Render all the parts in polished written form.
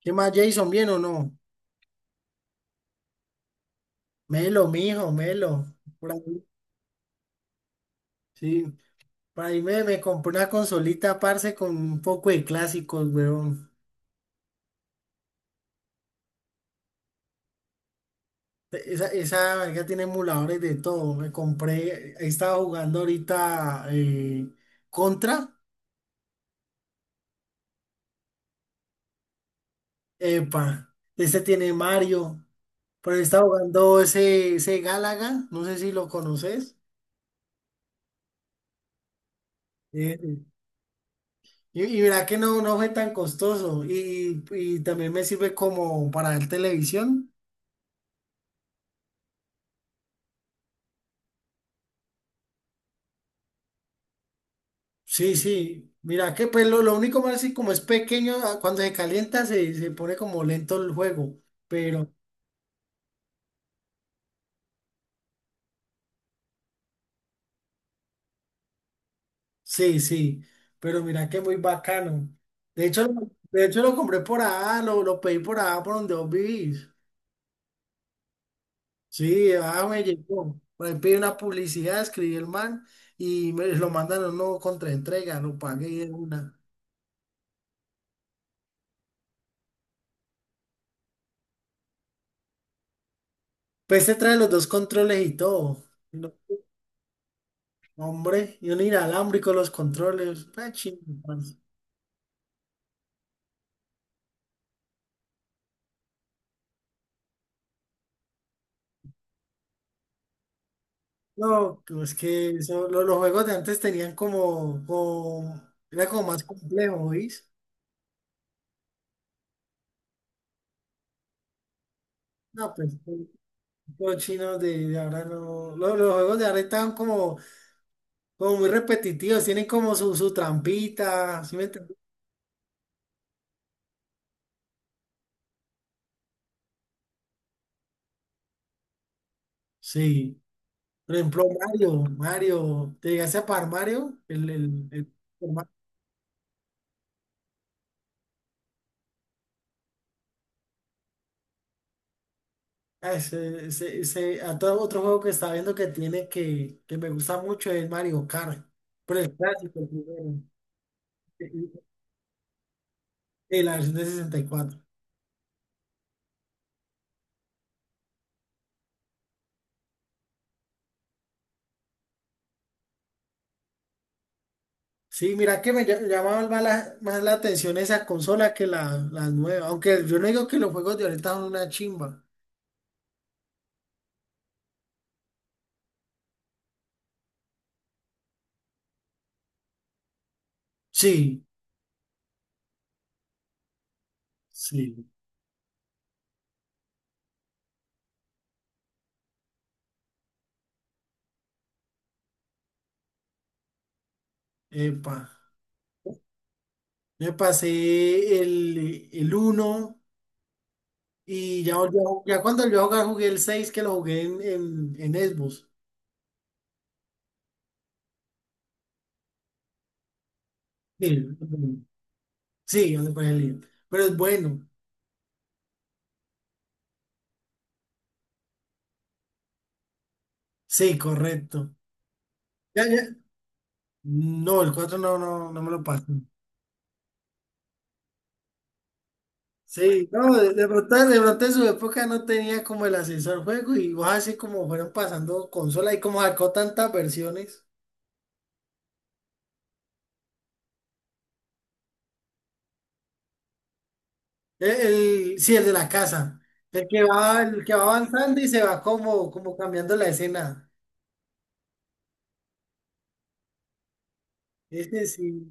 ¿Qué más, Jason? ¿Bien o no? Melo, mijo, Melo. Por ahí, sí. Por ahí me compré una consolita, parce, con un poco de clásicos, weón. Esa verga tiene emuladores de todo. Me compré, estaba jugando ahorita Contra. Epa, ese tiene Mario. Pero estaba jugando ese Galaga, no sé si lo conoces. Eh, y mira que no fue tan costoso. Y también me sirve como para ver televisión. Sí, sí. Mira que pues lo único malo es que como es pequeño, ah, cuando se calienta se pone como lento el juego. Pero sí, sí. Pero mira que muy bacano. De hecho lo compré por allá, lo pedí por allá por donde vos vivís. Sí, ah, me llegó. Por ahí pedí una publicidad, escribí el man y me lo mandan a uno contra entrega, lo pagué y de una. Pues se trae los dos controles y todo. No, hombre, y un inalámbrico los controles. Ah, chingón. No, es que eso- lo- los juegos de antes tenían como, como- era como más complejo, ¿oís? No, pues los chinos de ahora no, juegos de ahora están como, como muy repetitivos, tienen como su trampita, ¿sí me entiendes? Sí, por ejemplo Mario, Mario, te llegaste a par Mario, el- ah, ese- a todo otro juego que está viendo que tiene que me gusta mucho es Mario Kart, pero el clásico, el primero. Sí, la versión de 64. Sí, mira que me ll- llamaba más la atención esa consola que la nueva. Aunque yo no digo que los juegos de ahorita son una chimba. Sí, sí. Epa. Me pasé el uno y ya, volví a ju- ya cuando yo jugué, jugué el 6 que lo jugué en, en Xbox. Sí, sí, donde fue el lío. Pero es bueno. Sí, correcto. Ya, ya. No, el 4 no, no, no me lo pasé. Sí, no, de pronto, de pronto en su época no tenía como el ascensor juego y vos así como fueron pasando consola y como sacó tantas versiones. El, el- sí, el de la casa. El que va avanzando y se va como, como cambiando la escena. Ese sí.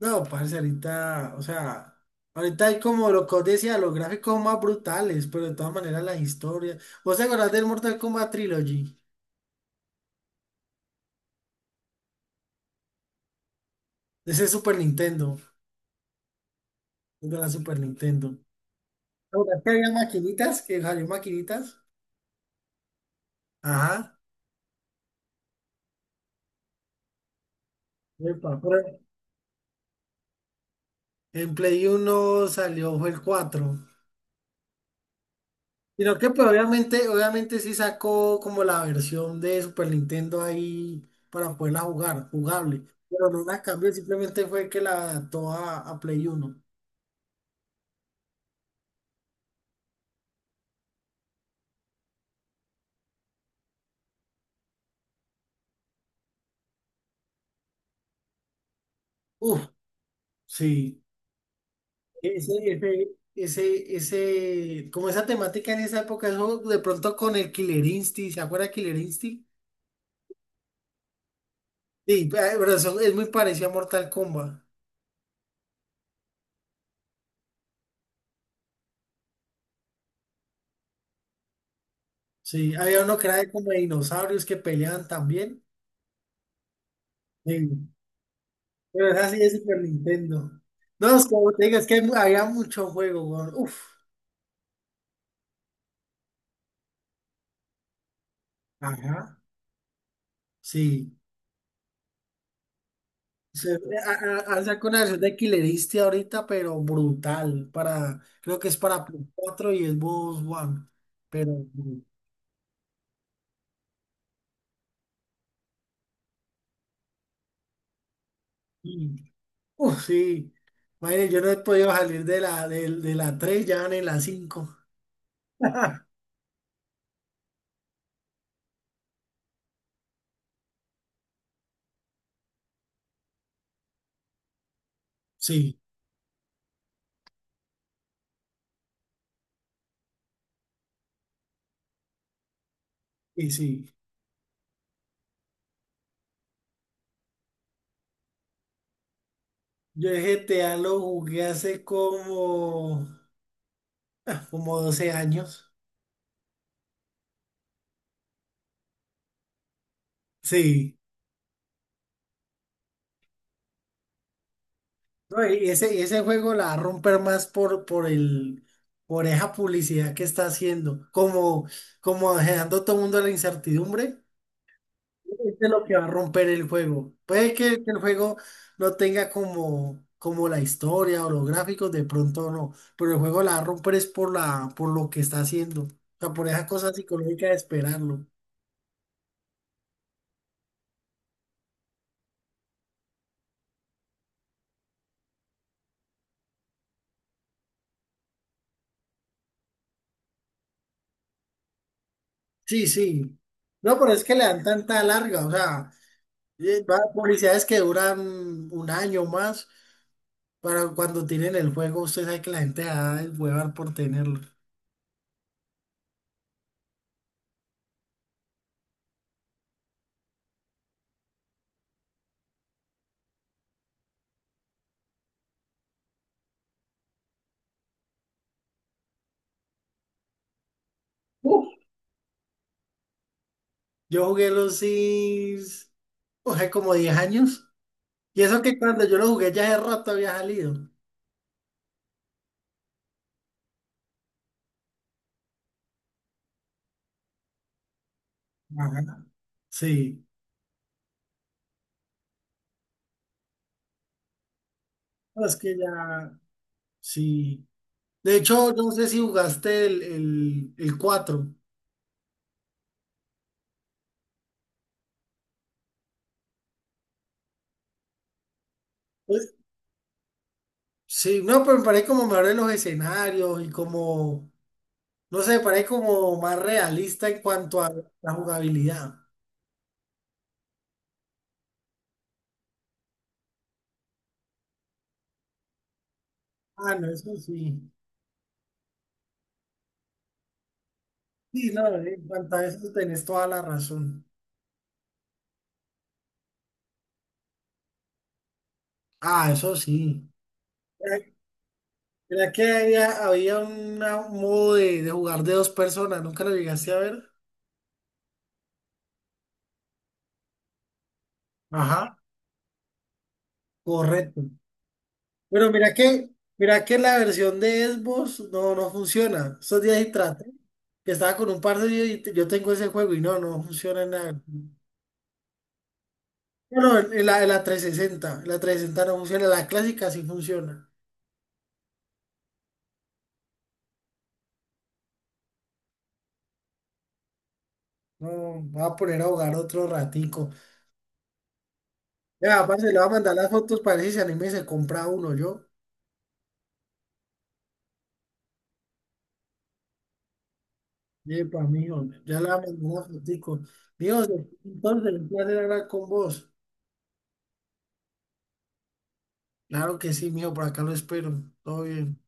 No, parce, ahorita, o sea, ahorita hay como lo que os decía, los gráficos más brutales, pero de todas maneras las historias. ¿Vos te acordás del Mortal Kombat Trilogy? De ese Super Nintendo, de la Super Nintendo. Ahora, ¿qué había maquinitas? ¿Que salió maquinitas? Ajá. Epa, pero- en Play Uno salió, fue el cuatro. Sino que pues obviamente, obviamente sí sacó como la versión de Super Nintendo ahí para poderla jugar, jugable. Pero no la cambió, simplemente fue que la adaptó a Play Uno. Uf, sí. Ese, ese, ese, como esa temática en esa época, eso de pronto con el Killer Instinct, ¿se acuerda de Killer Instinct? Sí, pe- pero eso es muy parecido a Mortal Kombat. Sí, había uno que era de como de dinosaurios que peleaban también. Sí, pero es así de Super Nintendo. No, es como te digo, es que hay mu- había mucho juego, weón. Uf, ajá, sí. Se, a- han sacado una versión de Killer Instinct ahorita, pero brutal. Para, creo que es para Play 4 y Xbox One. Pero, mm, uf, sí. Madre, yo no he podido salir de la 3 ya van en la cinco. Sí, y sí. Yo el GTA lo jugué hace como, como 12 años. Sí. No, y ese juego la va a romper más por el, por esa publicidad que está haciendo. Como, como dejando a todo el mundo a la incertidumbre. Este es lo que va a romper el juego. Puede que el juego no tenga como, como la historia o los gráficos, de pronto no. Pero el juego la va a romper es por la, por lo que está haciendo. O sea, por esa cosa psicológica de esperarlo. Sí, sí. No, pero es que le dan tanta larga, o sea, va- publicidades que duran un año más para cuando tienen el juego, usted sabe que la gente va a huevar por tenerlo. Uf. Yo jugué los Sims, o sea, como 10 años. Y eso que cuando yo lo jugué ya hace rato había salido. Ajá. Sí, no, es que ya, sí. De hecho, no sé si jugaste el 4. Pues, sí, no, pero me parece como mejor en los escenarios y como, no sé, parece como más realista en cuanto a la jugabilidad. Ah, no, eso sí. Sí, no, en cuanto a eso tenés toda la razón. Ah, eso sí. Eh, era que había, había una- un modo de jugar de dos personas, nunca lo llegaste a ver. Ajá, correcto. Pero mira que la versión de Xbox no, no funciona. Estos días sí traté, que estaba con un par de yo tengo ese juego y no, no funciona en nada. Bueno, en la 360, la 360 no funciona, la clásica sí funciona. No, me voy a poner a ahogar otro ratico. Ya, aparte le voy a mandar las fotos para ver si se anime y se compra uno yo. Epa, mijo, ya le voy a mandar unas fotico. Mijo, entonces, un placer hablar con vos. Claro que sí, mijo, por acá lo espero. Todo bien.